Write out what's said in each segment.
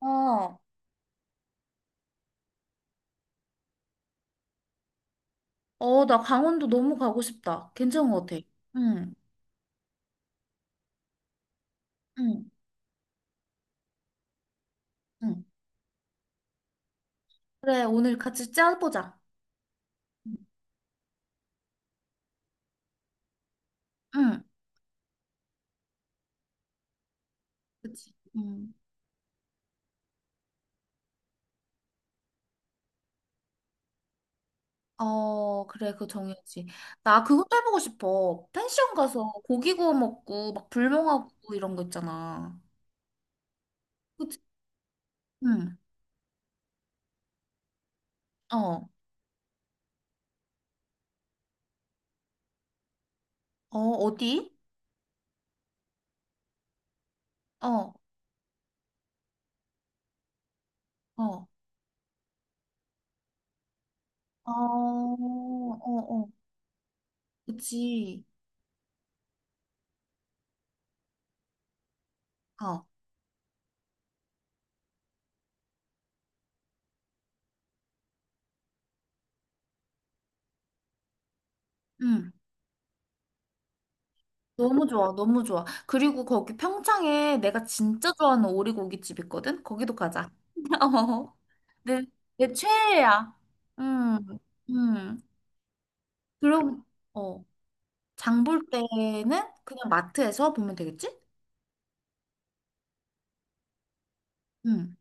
어, 어, 나 강원도 너무 가고 싶다. 괜찮은 것 같아. 응, 응, 응. 그래, 오늘 같이 짜보자. 응, 응, 그치. 응. 어, 그래, 그거 정해야지. 나 그것도 해보고 싶어. 펜션 가서 고기 구워 먹고, 막 불멍하고 이런 거 있잖아. 그치? 응, 어, 어, 어디? 어, 어, 어, 어, 어, 그치. 어, 응. 너무 좋아, 너무 좋아. 그리고 거기 평창에 내가 진짜 좋아하는 오리고기집 있거든? 거기도 가자. 어. 내, 내 최애야. 음, 음. 그럼, 어, 장볼 때는 그냥 마트에서 보면 되겠지? 음.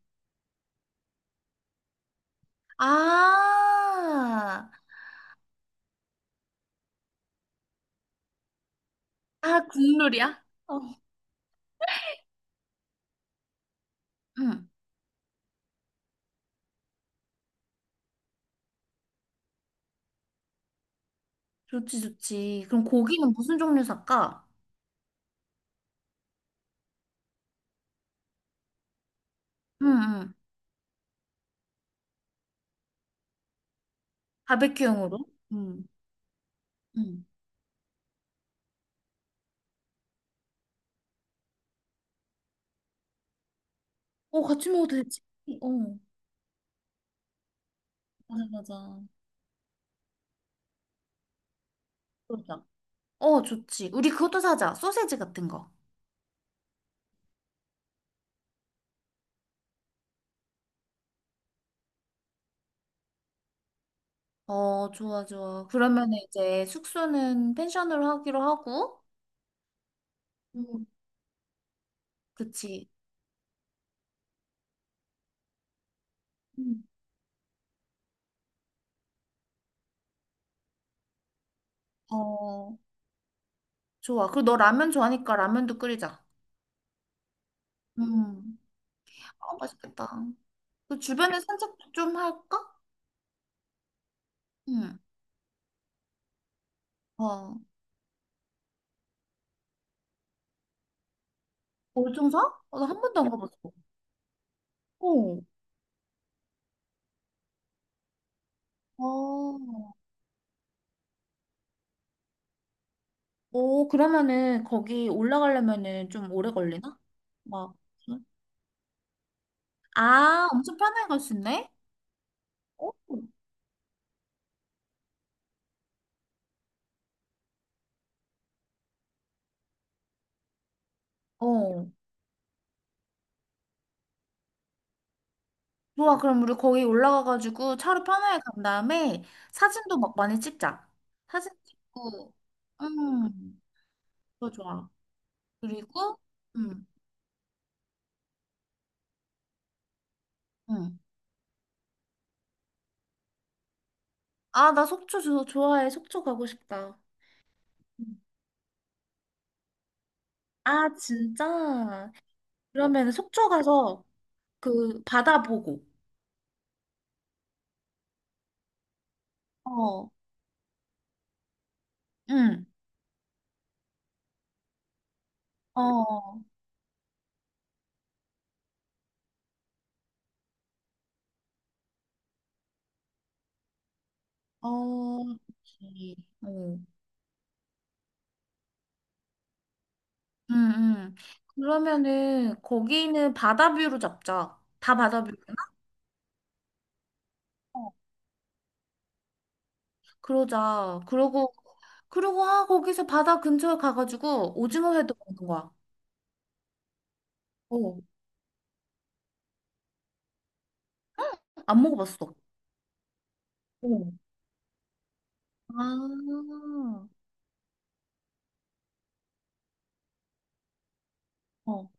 아, 아, 국룰이야? 어. 음, 좋지, 좋지. 그럼 고기는 무슨 종류 살까? 음, 음. 바베큐용으로? 음, 음. 어, 같이 먹어도 되지. 어, 맞아, 맞아. 그러자. 어, 좋지. 우리 그것도 사자. 소세지 같은 거. 어, 좋아, 좋아. 그러면 이제 숙소는 펜션으로 하기로 하고, 음, 그치. 음. 어, 좋아. 그리고 너 라면 좋아하니까 라면도 끓이자. 음, 아, 맛있겠다. 그 주변에 산책 좀 할까? 응. 어, 월등사? 어, 나한 번도 안 가봤어. 어, 어, 오, 그러면은 거기 올라가려면은 좀 오래 걸리나? 막, 응? 아, 엄청 편하게 갈 수 있네? 어? 어. 좋아, 그럼 우리 거기 올라가가지고 차로 편하게 간 다음에 사진도 막 많이 찍자. 사진 찍고, 음, 그거 좋아. 그리고, 음, 음. 아, 나 속초 좋아해. 속초 가고 싶다. 음. 아, 진짜? 그러면 속초 가서 그 바다 보고, 어, 응, 어, 어, 그치. 어. 응, 응. 그러면은 거기는 바다뷰로 잡자. 다 바다뷰. 그러자. 그러고, 그러고, 아, 거기서 바다 근처에 가가지고 오징어 회도 먹는 거야. 어, 안 먹어봤어. 어. 아, 어,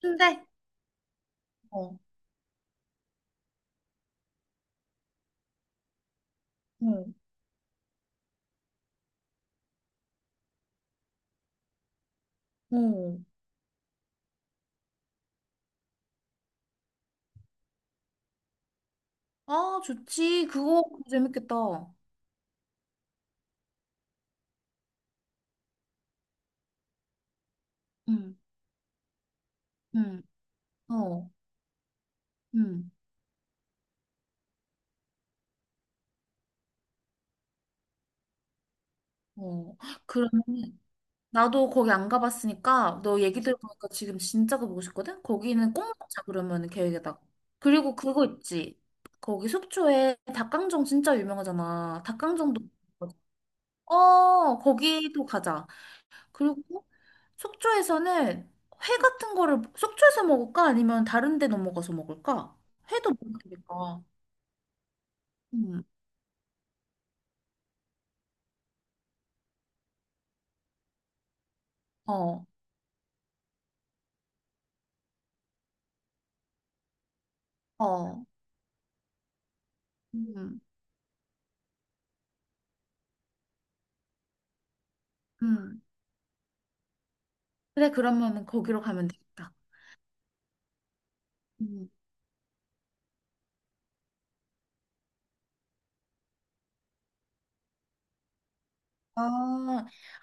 순대? 어, 어 어. 아, 좋지. 그거 재밌겠다. 응, 응, 어, 응, 어. 그러면 나도 거기 안 가봤으니까 너 얘기 들어보니까 지금 진짜 가보고 싶거든? 거기는 꼭 응. 먹자 그러면 계획에다가. 그리고 그거 있지. 거기 속초에 닭강정 진짜 유명하잖아. 닭강정도 먹어보자. 어 거기도 가자. 그리고 속초에서는 회 같은 거를 속초에서 먹을까? 아니면 다른 데 넘어가서 먹을까? 회도 먹어야 되니까. 음, 어, 어, 음, 음. 그래 그러면은 거기로 가면 되겠다. 음. 아,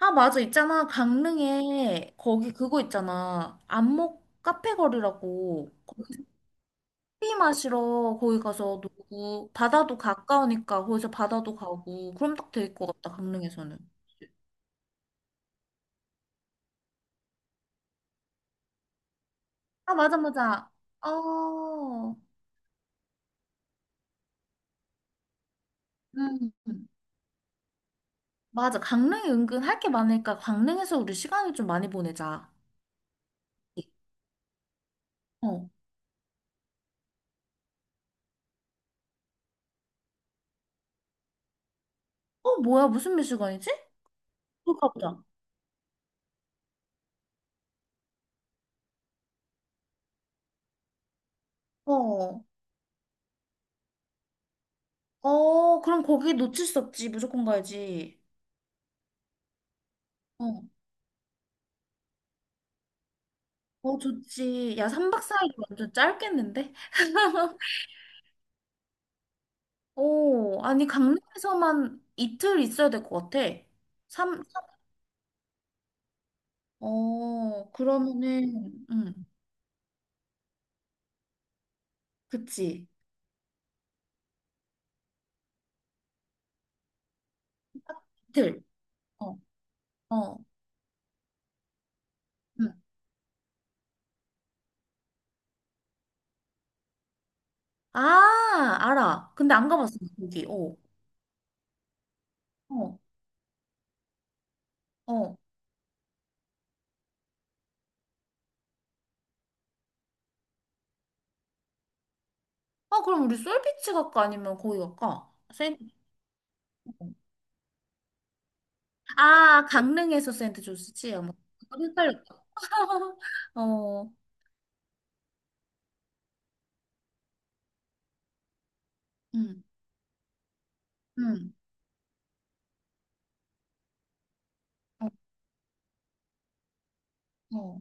아, 맞아. 있잖아. 강릉에 거기 그거 있잖아. 안목 카페 거리라고. 거기 커피 마시러 거기 가서 놀고 바다도 가까우니까 거기서 바다도 가고 그럼 딱 될 것 같다. 강릉에서는. 아, 맞아, 맞아. 어. 음. 음. 맞아. 강릉이 은근 할 게 많으니까 강릉에서 우리 시간을 좀 많이 보내자. 어. 어, 뭐야? 무슨 몇 시간이지? 그거 가보자. 어. 어, 그럼 거기 놓칠 수 없지. 무조건 가야지. 어. 어, 좋지. 야, 3박 4일 완전 짧겠는데? 오, 아니, 강릉에서만 이틀 있어야 될 것 같아. 삼, 어, 그러면은, 그치. 이틀. 어, 어, 음. 아, 알아. 근데 안 가봤어, 거기. 어, 어, 어. 아, 그럼 우리 솔비치 갈까? 아니면 거기 갈까? 세인트 조스. 아, 강릉에서 세인트 조스지? 아마 헷갈렸다. 어, 음, 음, 어, 어.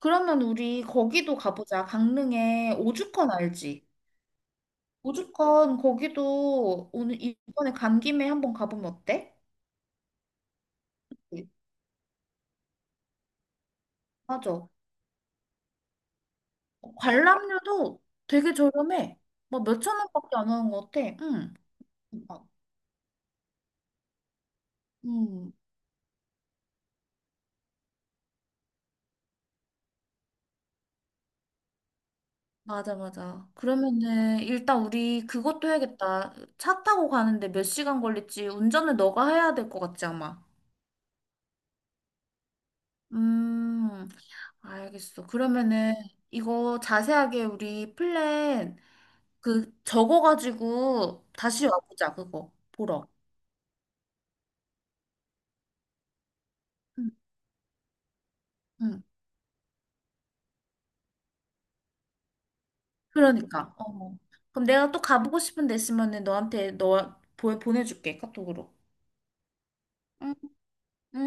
그러면 우리 거기도 가보자. 강릉에 오죽헌 알지? 오죽헌 거기도 오늘 이번에 간 김에 한번 가보면 어때? 네. 맞아. 관람료도 되게 저렴해. 막 몇천 원밖에 안 하는 것 같아. 응. 막, 음, 맞아, 맞아. 그러면은 일단 우리 그것도 해야겠다. 차 타고 가는데 몇 시간 걸릴지 운전을 너가 해야 될 것 같지, 아마. 음, 알겠어. 그러면은 이거 자세하게 우리 플랜 그 적어가지고 다시 와보자 그거 보러. 응, 응. 그러니까. 어. 그럼 내가 또 가보고 싶은 데 있으면은 너한테 너 보내줄게 카톡으로. 응. 응?